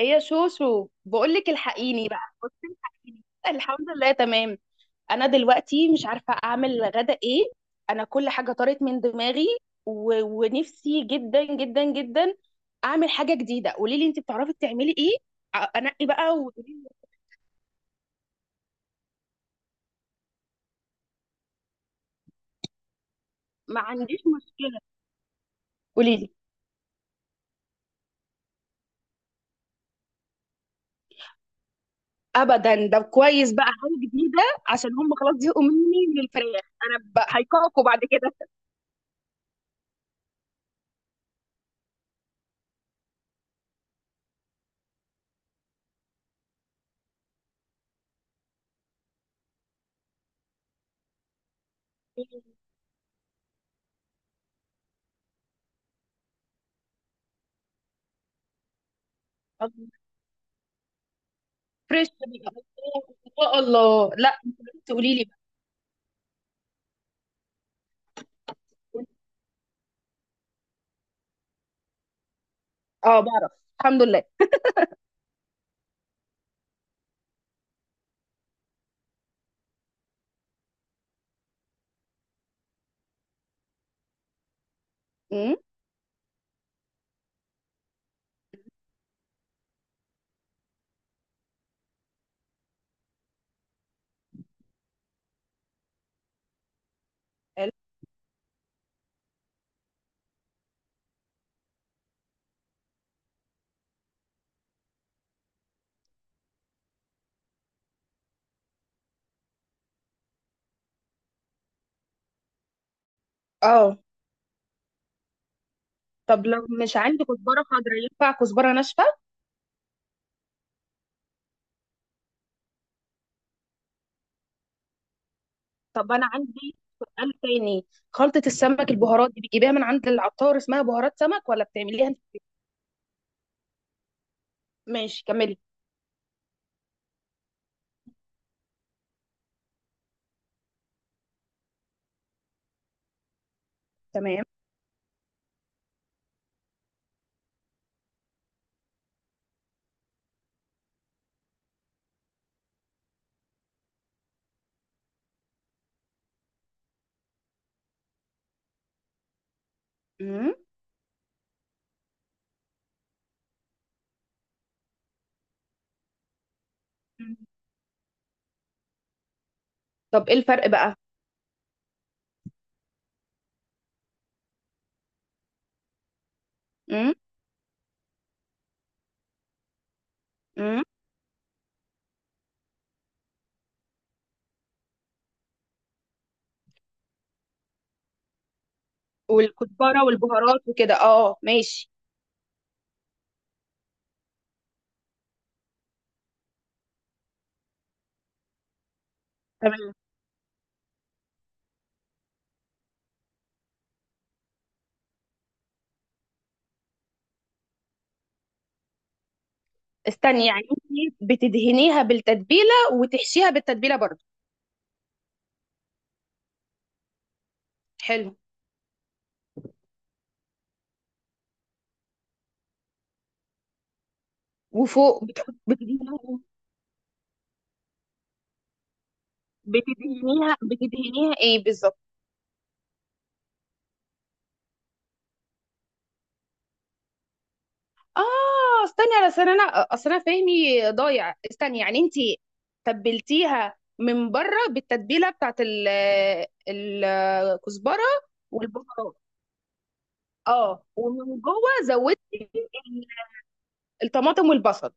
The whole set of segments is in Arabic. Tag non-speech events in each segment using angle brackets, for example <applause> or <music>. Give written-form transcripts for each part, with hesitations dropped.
ايه يا شوشو؟ بقول لك الحقيني بقى، بصي، الحقيني. الحمد لله تمام. انا دلوقتي مش عارفه اعمل غدا ايه. انا كل حاجه طارت من دماغي ونفسي جدا جدا جدا اعمل حاجه جديده. قولي لي، انت بتعرفي تعملي ايه؟ انقي بقى وقولي لي. ما عنديش مشكله. قولي لي. ابدا، ده كويس بقى، حاجه جديده. عشان هم خلاص زهقوا مني للفراخ، انا هيقاكوا بعد كده. <laughs> فريش بقى. ان شاء الله لا. تقولي لي بقى. اه، بعرف. الحمد لله. امم. حلو. اه. طب لو مش عندي كزبرة خضراء، ينفع كزبرة ناشفة؟ طب انا عندي سؤال تاني. خلطة السمك، البهارات دي، بتجيبيها من عند العطار اسمها بهارات سمك، ولا بتعمليها انت في البيت؟ ماشي، كملي. تمام. امم. طب ايه الفرق بقى؟ امم. امم. والكزبرة والبهارات وكده، اه اه، ماشي. تمام. استني، يعني انت بتدهنيها بالتتبيلة وتحشيها بالتتبيلة برضو؟ حلو. وفوق بتحط بتدهنيها؟ بتدهنيها ايه بالظبط؟ اه. استني، على اصل انا اصل انا فهمي ضايع. استني، يعني انت تبلتيها من بره بالتتبيله بتاعت الكزبره والبهارات. اه، ومن جوه زودتي الطماطم والبصل.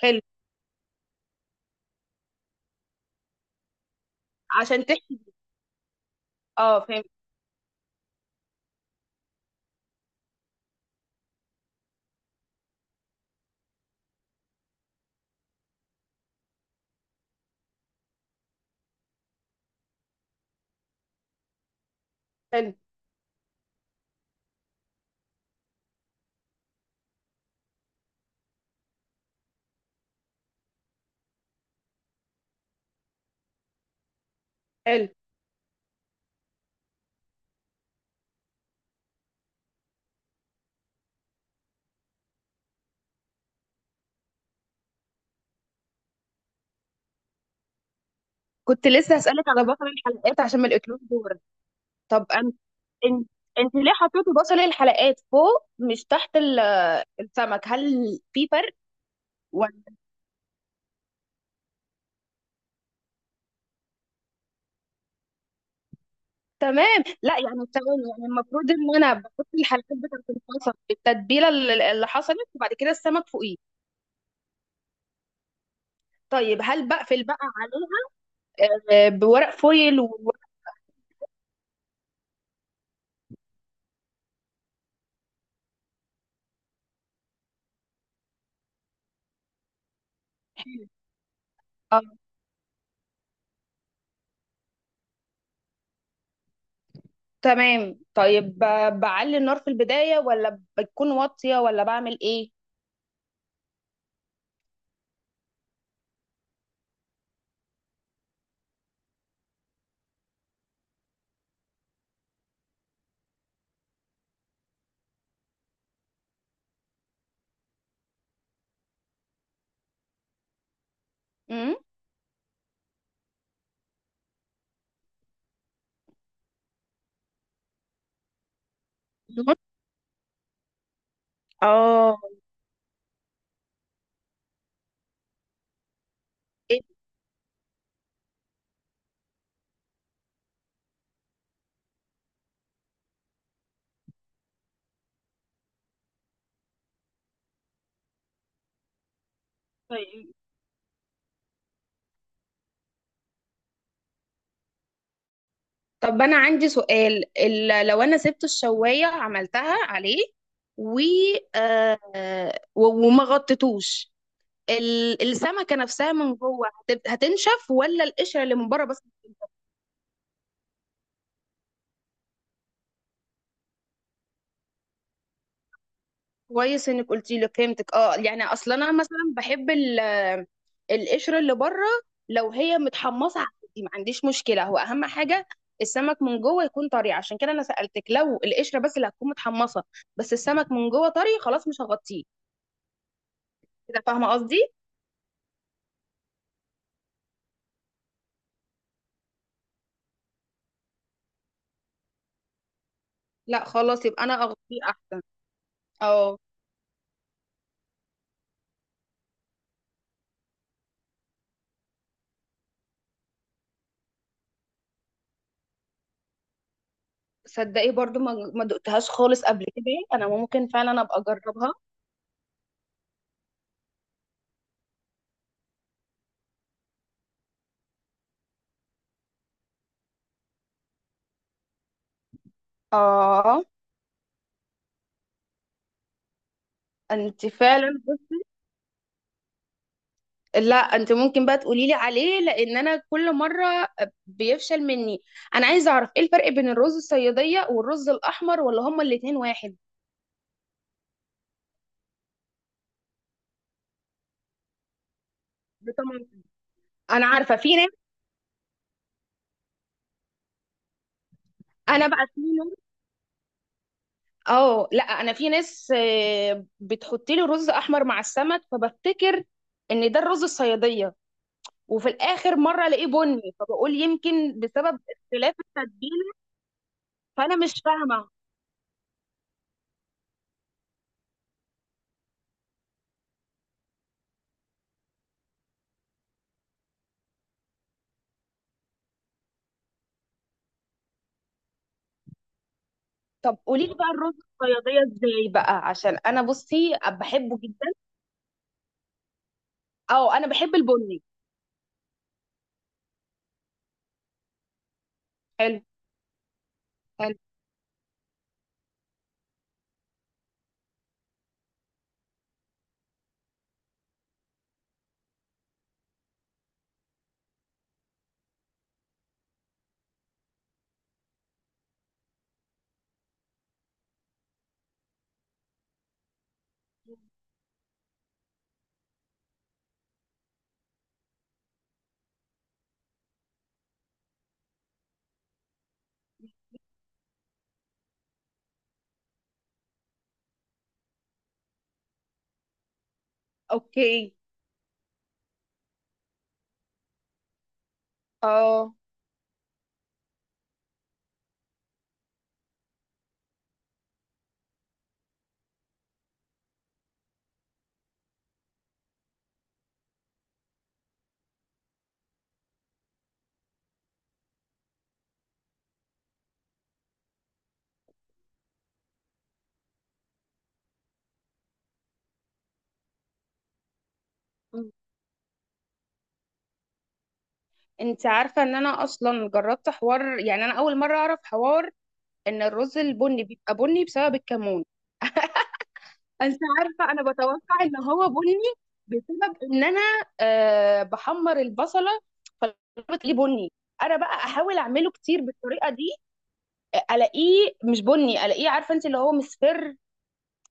حلو. عشان تحمي. اه فهمت. حلو. حلو. كنت لسه هسألك على بصل الحلقات، عشان ما الاكلوش دور. طب انت، انت انت ليه حطيتي بصل الحلقات فوق مش تحت السمك؟ هل في فرق؟ ولا. تمام. لا يعني، تمام يعني المفروض ان انا بحط الحلقات بتاعت البصل بالتتبيله اللي حصلت، وبعد كده السمك فوقيه. طيب، هل بقفل بقى عليها؟ آه، بورق فويل و... آه، تمام. طيب، بعلي النار في البدايه، ولا بتكون واطيه، ولا بعمل ايه؟ امم. اه. إيه. طيب. طب انا عندي سؤال، لو انا سبت الشوايه عملتها عليه و وما غطيتوش، السمكة نفسها من جوه هتنشف، ولا القشرة اللي من بره بس؟ كويس انك قلتي لي. فهمتك. اه يعني اصلا انا مثلا بحب القشرة اللي بره، لو هي متحمصة عادي، ما عنديش مشكلة. هو اهم حاجة السمك من جوه يكون طري، عشان كده انا سألتك. لو القشرة بس اللي هتكون متحمصة، بس السمك من جوه طري، خلاص مش هغطيه. كده فاهمة قصدي؟ لا خلاص يبقى انا اغطيه احسن. اه. صدقي، برضو ما دقتهاش خالص قبل كده. انا ممكن فعلا ابقى اجربها. اه. انت فعلا لا، انت ممكن بقى تقولي لي عليه، لان انا كل مره بيفشل مني. انا عايزه اعرف ايه الفرق بين الرز الصياديه والرز الاحمر؟ ولا هما الاتنين واحد؟ بطماطم. انا عارفه في ناس. انا بقى في ناس. اه لا، انا في ناس بتحط لي رز احمر مع السمك، فبفتكر ان ده الرز الصياديه، وفي الاخر مره الاقيه بني، فبقول يمكن بسبب اختلاف التتبيله. فانا مش فاهمه. طب قولي لي بقى الرز الصياديه ازاي بقى، عشان انا بصي بحبه جدا. اه، انا بحب البني. حلو. حلو. اوكي. اه. مم. انت عارفه ان انا اصلا جربت حوار؟ يعني انا اول مره اعرف حوار ان الرز البني بيبقى بني بسبب الكمون. انت عارفه انا بتوقع ان هو بني بسبب ان انا بحمر البصله، فبتلاقيه بني. انا بقى احاول اعمله كتير بالطريقه دي، الاقيه مش بني، الاقيه، عارفه انت، اللي هو مصفر.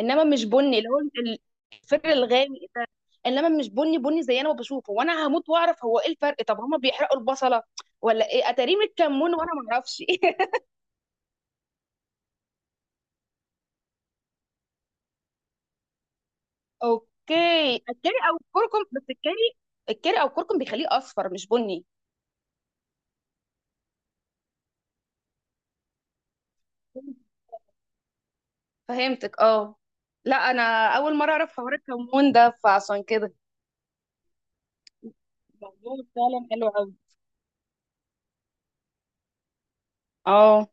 انما مش بني، اللي هو الفر الغامق ده. انما مش بني بني زي انا ما بشوفه، وانا هموت واعرف هو ايه الفرق. طب هما بيحرقوا البصله، ولا ايه، اتاريه متكمون وانا ما اعرفش. <laughs> اوكي، الكاري او الكركم، بس الكاري. الكاري او الكركم بيخليه اصفر مش بني. فهمتك، اه. لا، انا اول مره اعرف حوار الكمون ده، فعشان كده الموضوع فعلا حلو قوي. اه.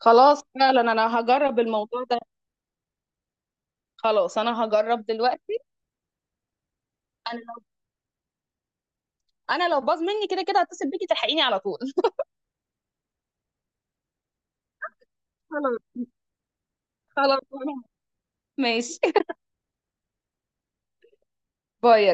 خلاص، فعلا انا هجرب الموضوع ده. خلاص انا هجرب دلوقتي. انا انا لو باظ مني، كده كده هتصل بيكي تلحقيني على طول. خلاص. خلاص. ماشي. باي.